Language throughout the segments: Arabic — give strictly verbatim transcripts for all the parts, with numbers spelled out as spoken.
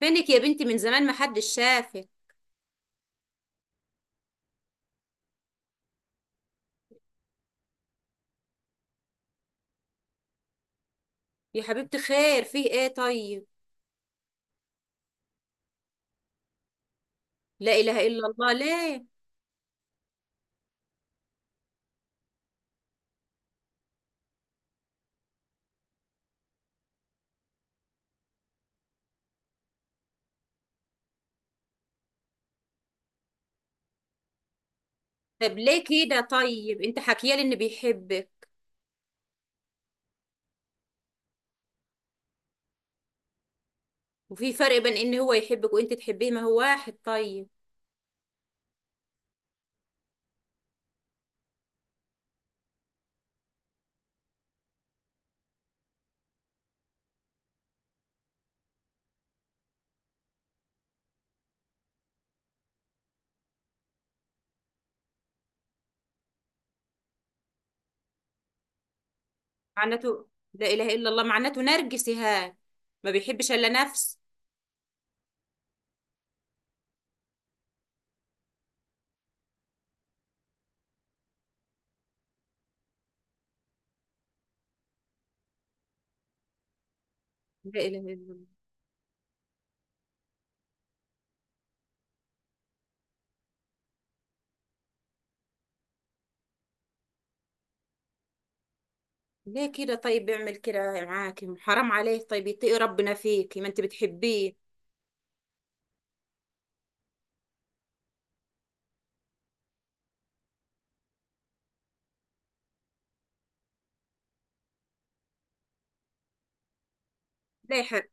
فينك يا بنتي؟ من زمان ما حدش شافك. يا حبيبتي، خير، فيه ايه طيب؟ لا اله الا الله، ليه؟ طب ليه كده؟ طيب انت حكيالي ان بيحبك. وفي فرق بين ان هو يحبك وانت تحبيه؟ ما هو واحد طيب. معناته، لا اله الا الله، معناته نرجسي هاد، ما بيحبش الا نفس. لا اله الا الله، ليه كده؟ طيب بيعمل كده معاكي؟ حرام عليه، طيب يتقي ربنا فيكي، ما انت بتحبيه. ليه؟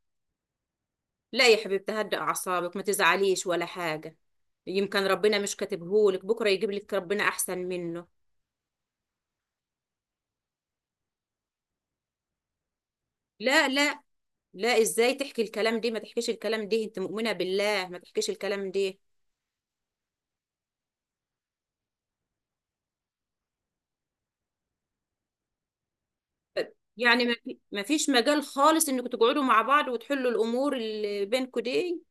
لا يا حبيبتي، هدأ أعصابك، ما تزعليش ولا حاجة. يمكن ربنا مش كاتبهولك، بكرة يجيب لك ربنا أحسن منه. لا لا لا، إزاي تحكي الكلام دي؟ ما تحكيش الكلام دي، أنت مؤمنة بالله، ما تحكيش الكلام دي. يعني ما في- ما فيش مجال خالص إنكم تقعدوا مع بعض وتحلوا الأمور اللي بينكم دي؟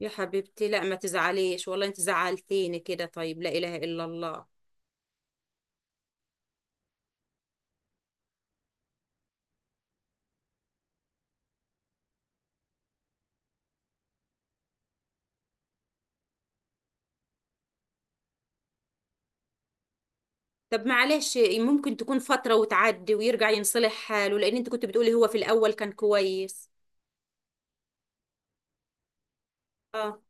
يا حبيبتي لا، ما تزعليش، والله أنت زعلتيني كده، طيب، لا إله إلا الله. طب معلش، ممكن تكون فترة وتعدي ويرجع ينصلح حاله، لأن أنت كنت بتقولي هو في الأول كان كويس. اه،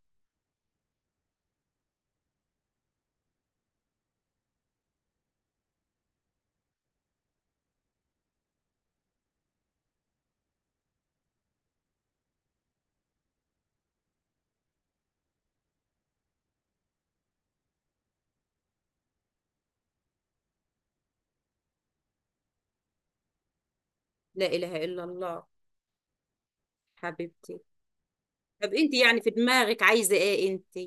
لا إله إلا الله، حبيبتي. طب أنت يعني في دماغك عايزة إيه أنت؟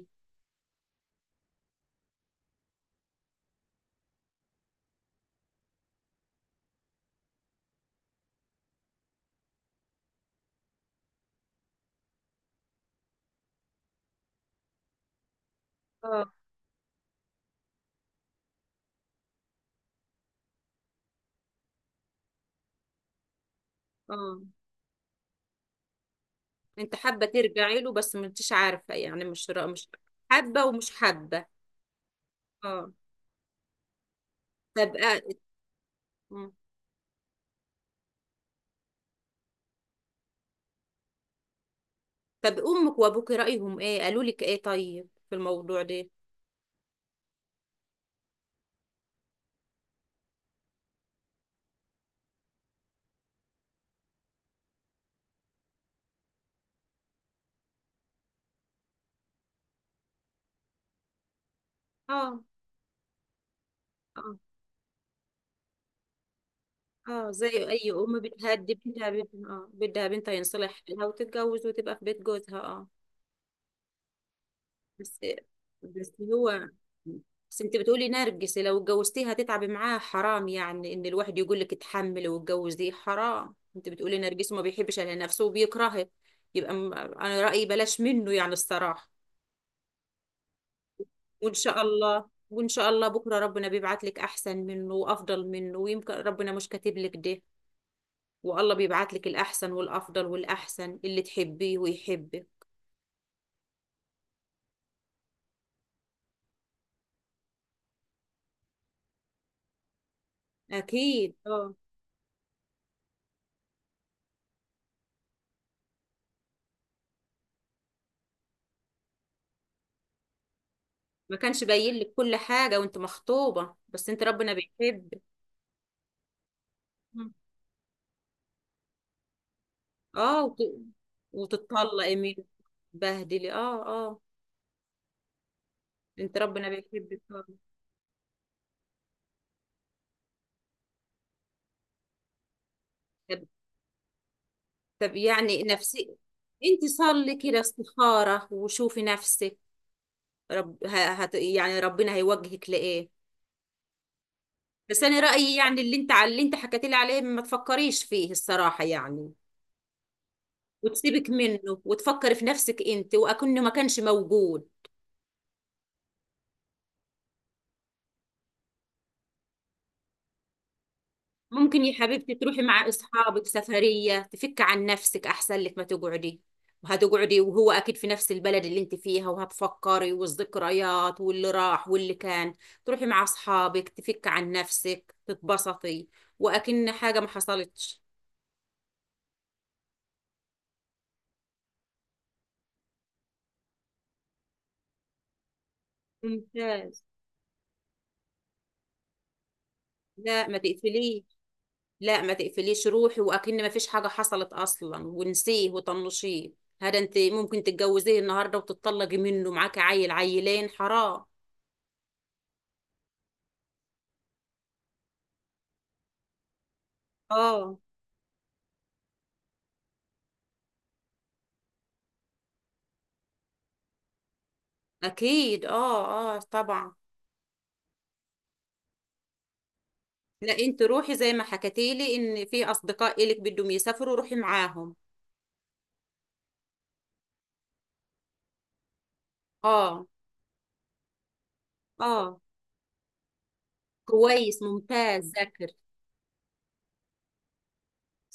اه اه، أنت حابة ترجعي له بس ما أنتش عارفة، يعني مش را... مش حابة ومش حابة؟ اه، طب آه، مم. طب أمك وأبوك رأيهم إيه، قالوا لك إيه طيب في الموضوع ده؟ اه اه اه، زي أي أم بتهدي بنتها، بنتها اه بدها بنتها ينصلح لها وتتجوز وتبقى في بيت جوزها. اه. بس بس هو بس انت بتقولي نرجس، لو اتجوزتيها هتتعبي معاها، حرام يعني ان الواحد يقول لك اتحمل واتجوز، دي حرام، انت بتقولي نرجس ما بيحبش على نفسه وبيكرهه. يبقى م- انا رأيي بلاش منه يعني، الصراحة. وان شاء الله، وان شاء الله بكرة ربنا بيبعت لك احسن منه وافضل منه، ويمكن ربنا مش كاتب لك ده. والله بيبعت لك الاحسن والافضل والاحسن اللي تحبيه ويحبك. اكيد اه. ما كانش باين لك كل حاجة وانت مخطوبة؟ بس انت ربنا بيحب. مم. اه وت... وتطلقي من. بهدلي، اه اه. انت ربنا بيحبك طبعا. طب، طب يعني نفسي. انت صلي كده استخارة وشوفي نفسك. رب... ه... هت... يعني ربنا هيوجهك لإيه. بس انا رأيي، يعني اللي انت على اللي انت حكيت لي عليه ما تفكريش فيه الصراحة يعني، وتسيبك منه وتفكري في نفسك انت وأكنه ما كانش موجود. ممكن يا حبيبتي تروحي مع اصحابك سفرية، تفك عن نفسك، احسن لك ما تقعدي. وهتقعدي وهو اكيد في نفس البلد اللي انت فيها وهتفكري، والذكريات واللي راح واللي كان. تروحي مع اصحابك، تفك عن نفسك، تتبسطي، واكن حاجة ما حصلتش. ممتاز. لا، ما تقفليش. لا ما تقفليش، روحي واكن ما فيش حاجة حصلت اصلا، ونسيه وطنشيه. هذا انت ممكن تتجوزيه النهارده وتتطلقي منه، معاكي عيل عيلين، حرام. اه اكيد، اه اه طبعا. لا انت روحي زي ما حكتيلي ان في اصدقاء الك بدهم يسافروا، روحي معاهم. اه اه، كويس ممتاز، ذاكر.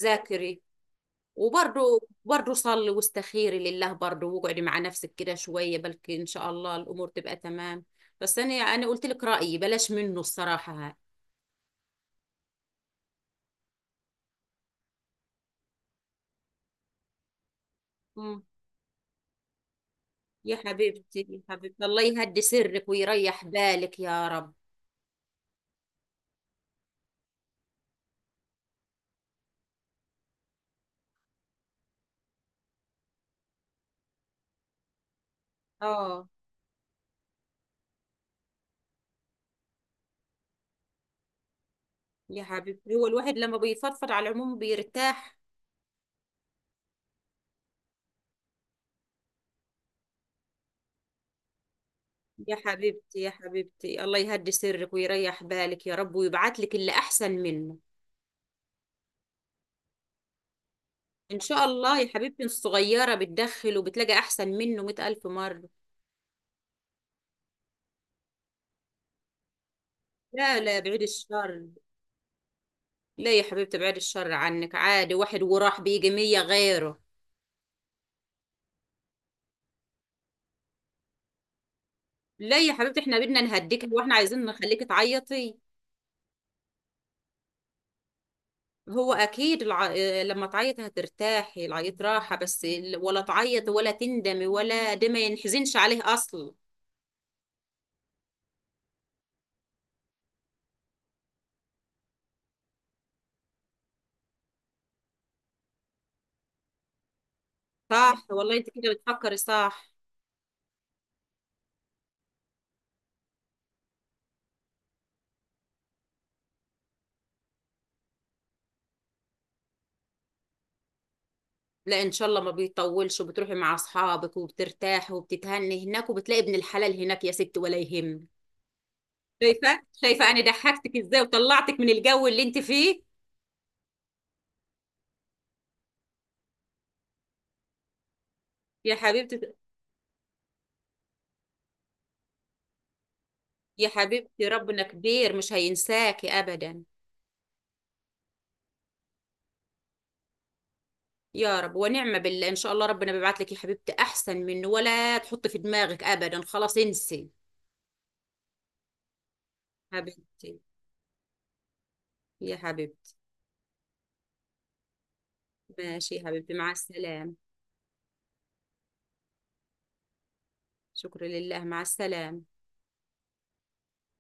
ذاكري. وبرضه، برضه صلي واستخيري لله برضه، واقعدي مع نفسك كده شويه، بلكي ان شاء الله الامور تبقى تمام. بس انا انا قلت لك رايي بلاش منه الصراحه، ها. مم. يا حبيبتي يا حبيبتي، الله يهدي سرك ويريح بالك يا رب. اه، يا حبيبتي، هو الواحد لما بيفضفض على العموم بيرتاح. يا حبيبتي يا حبيبتي، الله يهدي سرك ويريح بالك يا رب، ويبعت لك اللي أحسن منه. إن شاء الله يا حبيبتي الصغيرة، بتدخل وبتلاقي أحسن منه مئة ألف مرة. لا لا، بعيد الشر. لا يا حبيبتي، بعيد الشر عنك، عادي، واحد وراح بيجي مية غيره. لا يا حبيبتي، احنا بدنا نهديك، واحنا عايزين نخليك تعيطي. هو أكيد الع... لما تعيطي هترتاحي، العيط راحة، بس ال- ولا تعيطي ولا تندمي، ولا ده ما ينحزنش عليه أصلا. صح والله، انت كده بتفكري صح. لا ان شاء الله ما بيطولش، وبتروحي مع اصحابك وبترتاحي وبتتهني هناك، وبتلاقي ابن الحلال هناك، يا ست ولا يهم. شايفه شايفه انا ضحكتك ازاي وطلعتك من الجو اللي انت فيه. يا حبيبتي، يا حبيبتي، ربنا كبير مش هينساكي ابدا. يا رب، ونعمه بالله، ان شاء الله ربنا بيبعت لك يا حبيبتي احسن منه، ولا تحطي في دماغك ابدا، خلاص انسي. حبيبتي، يا حبيبتي. ماشي يا حبيبتي، مع السلامه. شكرا لله، مع السلامه.